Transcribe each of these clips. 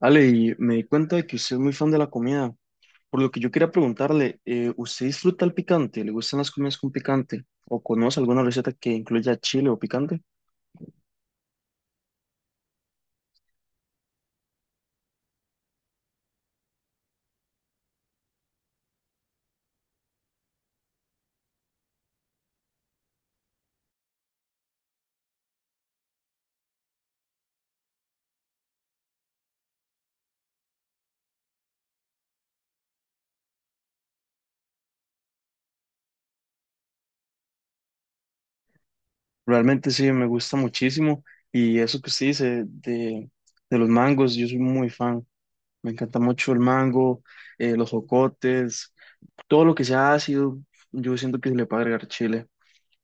Ale, y me di cuenta de que usted es muy fan de la comida, por lo que yo quería preguntarle, ¿usted disfruta el picante? ¿Le gustan las comidas con picante? ¿O conoce alguna receta que incluya chile o picante? Realmente sí, me gusta muchísimo y eso que usted dice de los mangos, yo soy muy fan, me encanta mucho el mango, los jocotes. Todo lo que sea ácido, yo siento que se le puede agregar chile.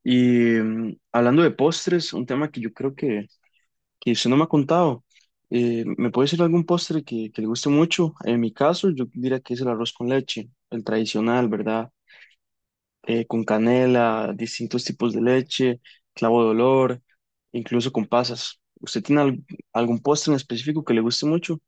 Y hablando de postres, un tema que yo creo que usted no me ha contado, ¿me puede decir algún postre que le guste mucho? En mi caso, yo diría que es el arroz con leche, el tradicional, ¿verdad? Con canela, distintos tipos de leche, clavo de olor, incluso con pasas. ¿Usted tiene algún postre en específico que le guste mucho?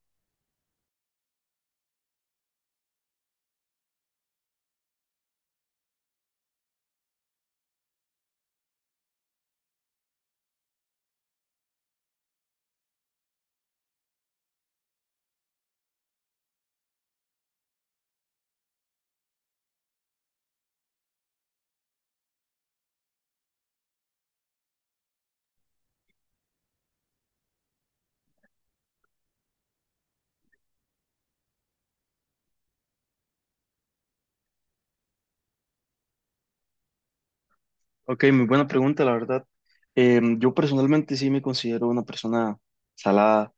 Ok, muy buena pregunta, la verdad. Yo personalmente sí me considero una persona salada.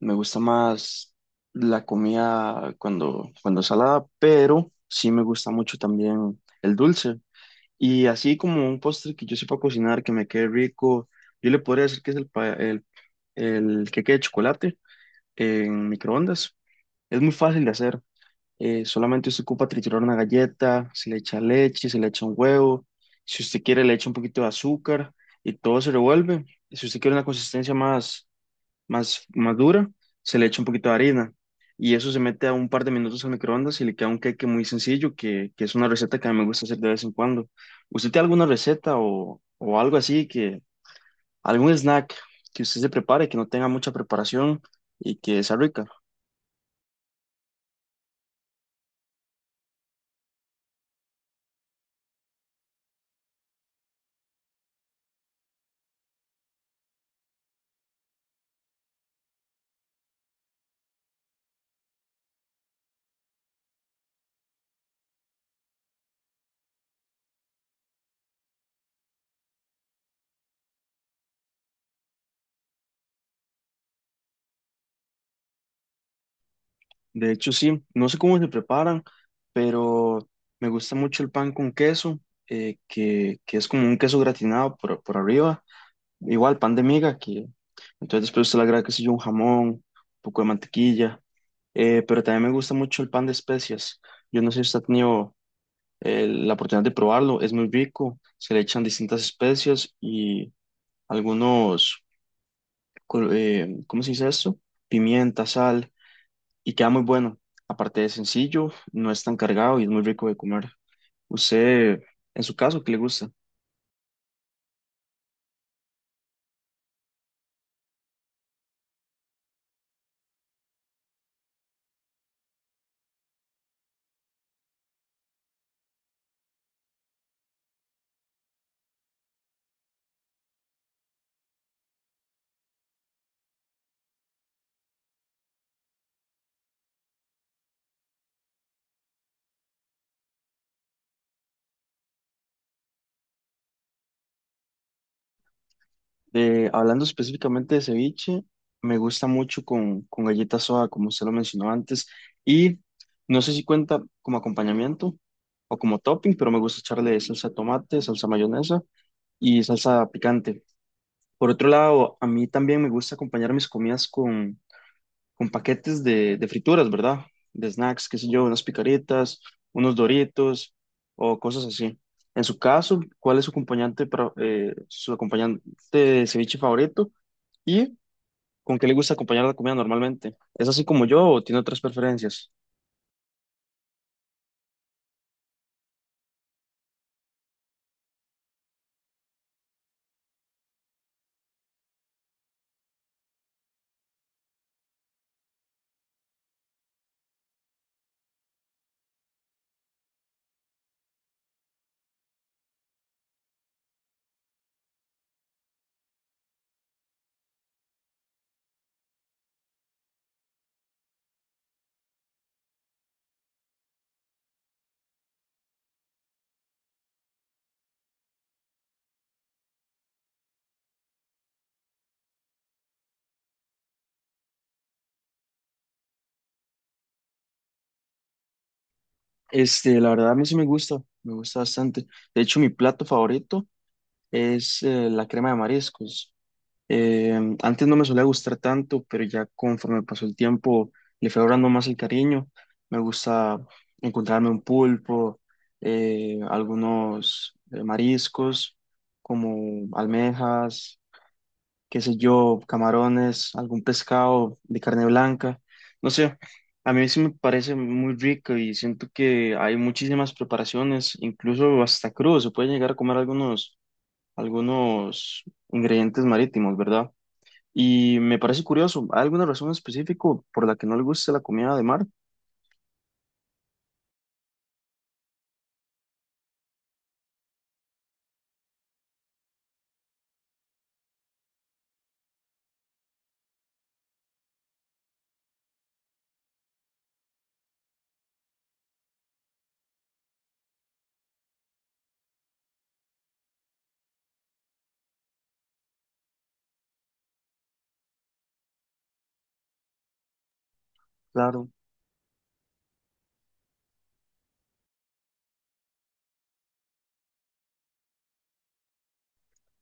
Me gusta más la comida cuando es salada, pero sí me gusta mucho también el dulce. Y así como un postre que yo sepa cocinar, que me quede rico, yo le podría decir que es el, el queque de chocolate en microondas. Es muy fácil de hacer. Solamente usted ocupa triturar una galleta, se le echa leche, se le echa un huevo. Si usted quiere, le echa un poquito de azúcar y todo se revuelve. Si usted quiere una consistencia más, más dura, se le echa un poquito de harina y eso se mete a un par de minutos al microondas y le queda un queque muy sencillo, que es una receta que a mí me gusta hacer de vez en cuando. ¿Usted tiene alguna receta o algo así algún snack que usted se prepare, que no tenga mucha preparación y que sea rica? De hecho, sí, no sé cómo se preparan, pero me gusta mucho el pan con queso, que es como un queso gratinado por arriba, igual pan de miga que entonces después usted le agrega, qué sé yo, un jamón, un poco de mantequilla, pero también me gusta mucho el pan de especias. Yo no sé si usted ha tenido la oportunidad de probarlo, es muy rico, se le echan distintas especias y algunos, ¿cómo se dice esto? Pimienta, sal, y queda muy bueno. Aparte de sencillo, no es tan cargado y es muy rico de comer. ¿Usted, en su caso, ¿qué le gusta? Hablando específicamente de ceviche, me gusta mucho con galleta soda, como usted lo mencionó antes, y no sé si cuenta como acompañamiento o como topping, pero me gusta echarle salsa de tomate, salsa mayonesa y salsa picante. Por otro lado, a mí también me gusta acompañar mis comidas con paquetes de frituras, ¿verdad? De snacks, qué sé yo, unas picaritas, unos doritos o cosas así. En su caso, ¿cuál es su su acompañante de ceviche favorito y con qué le gusta acompañar la comida normalmente? ¿Es así como yo o tiene otras preferencias? Este, la verdad a mí sí me gusta bastante. De hecho, mi plato favorito es la crema de mariscos. Eh, antes no me solía gustar tanto, pero ya conforme pasó el tiempo le fui agarrando más el cariño. Me gusta encontrarme un pulpo, algunos mariscos como almejas, qué sé yo, camarones, algún pescado de carne blanca. No sé, a mí sí me parece muy rico y siento que hay muchísimas preparaciones, incluso hasta crudo, se puede llegar a comer algunos ingredientes marítimos, ¿verdad? Y me parece curioso, ¿hay alguna razón específica por la que no le gusta la comida de mar? Claro.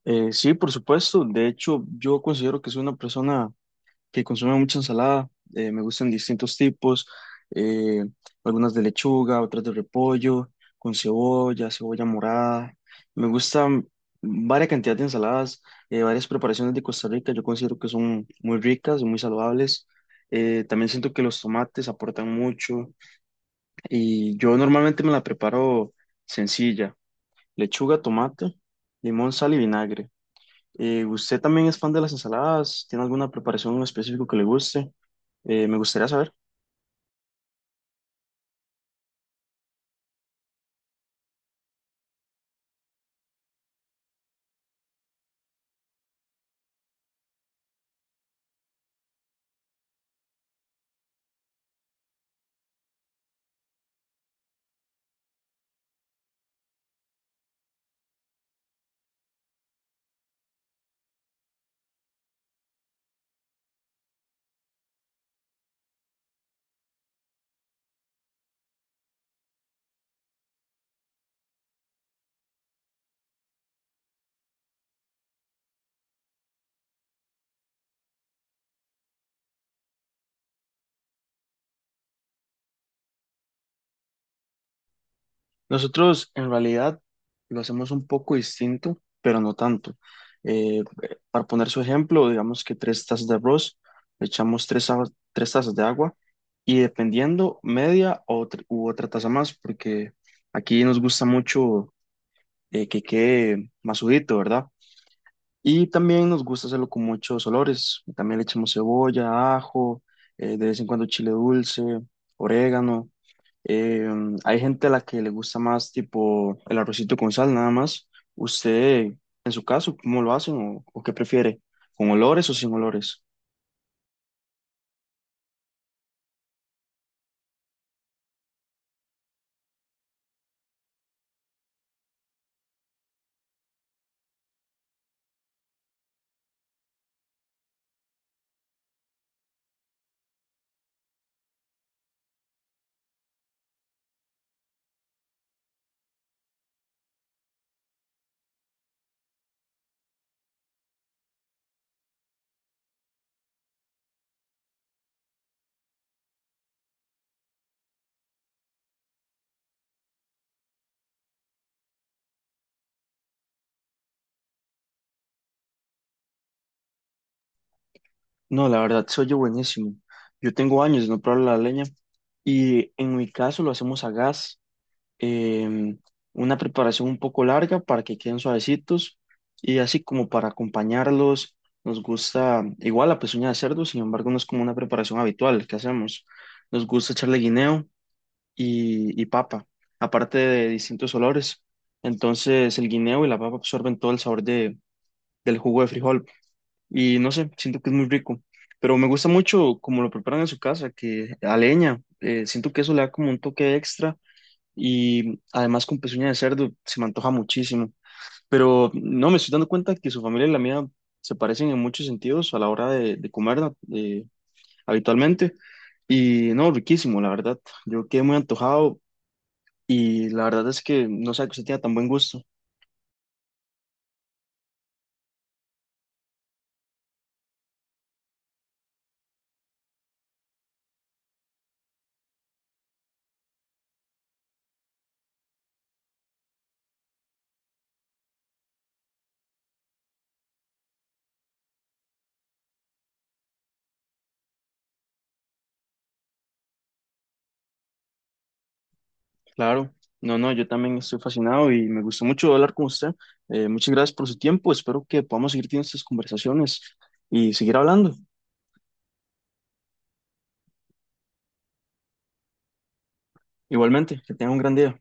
Sí, por supuesto. De hecho, yo considero que soy una persona que consume mucha ensalada. Me gustan distintos tipos, eh, algunas de lechuga, otras de repollo, con cebolla, cebolla morada. Me gustan varias cantidades de ensaladas, varias preparaciones de Costa Rica. Yo considero que son muy ricas y muy saludables. También siento que los tomates aportan mucho. Y yo normalmente me la preparo sencilla, lechuga, tomate, limón, sal y vinagre. ¿Usted también es fan de las ensaladas? ¿Tiene alguna preparación en específico que le guste? Me gustaría saber. Nosotros en realidad lo hacemos un poco distinto, pero no tanto. Eh, para poner su ejemplo, digamos que tres tazas de arroz, le echamos tres tazas de agua y dependiendo media o u otra taza más, porque aquí nos gusta mucho que quede masudito, ¿verdad? Y también nos gusta hacerlo con muchos olores. También le echamos cebolla, ajo, de vez en cuando chile dulce, orégano. Eh, hay gente a la que le gusta más tipo el arrocito con sal, nada más. ¿Usted, en su caso, cómo lo hacen o qué prefiere? ¿Con olores o sin olores? No, la verdad, se oye buenísimo. Yo tengo años de no probar la leña y en mi caso lo hacemos a gas. em, una preparación un poco larga para que queden suavecitos y así como para acompañarlos, nos gusta igual la pezuña de cerdo, sin embargo no es como una preparación habitual que hacemos. Nos gusta echarle guineo y papa, aparte de distintos olores. Entonces el guineo y la papa absorben todo el sabor del jugo de frijol y no sé, siento que es muy rico. Pero me gusta mucho como lo preparan en su casa, que a leña, siento que eso le da como un toque extra y además con pezuña de cerdo se me antoja muchísimo. Pero no, me estoy dando cuenta que su familia y la mía se parecen en muchos sentidos a la hora de comer eh, habitualmente. Y no, riquísimo, la verdad. Yo quedé muy antojado y la verdad es que no sé que usted tenga tan buen gusto. Claro, no, no, yo también estoy fascinado y me gustó mucho hablar con usted. Muchas gracias por su tiempo. Espero que podamos seguir teniendo estas conversaciones y seguir hablando. Igualmente, que tenga un gran día.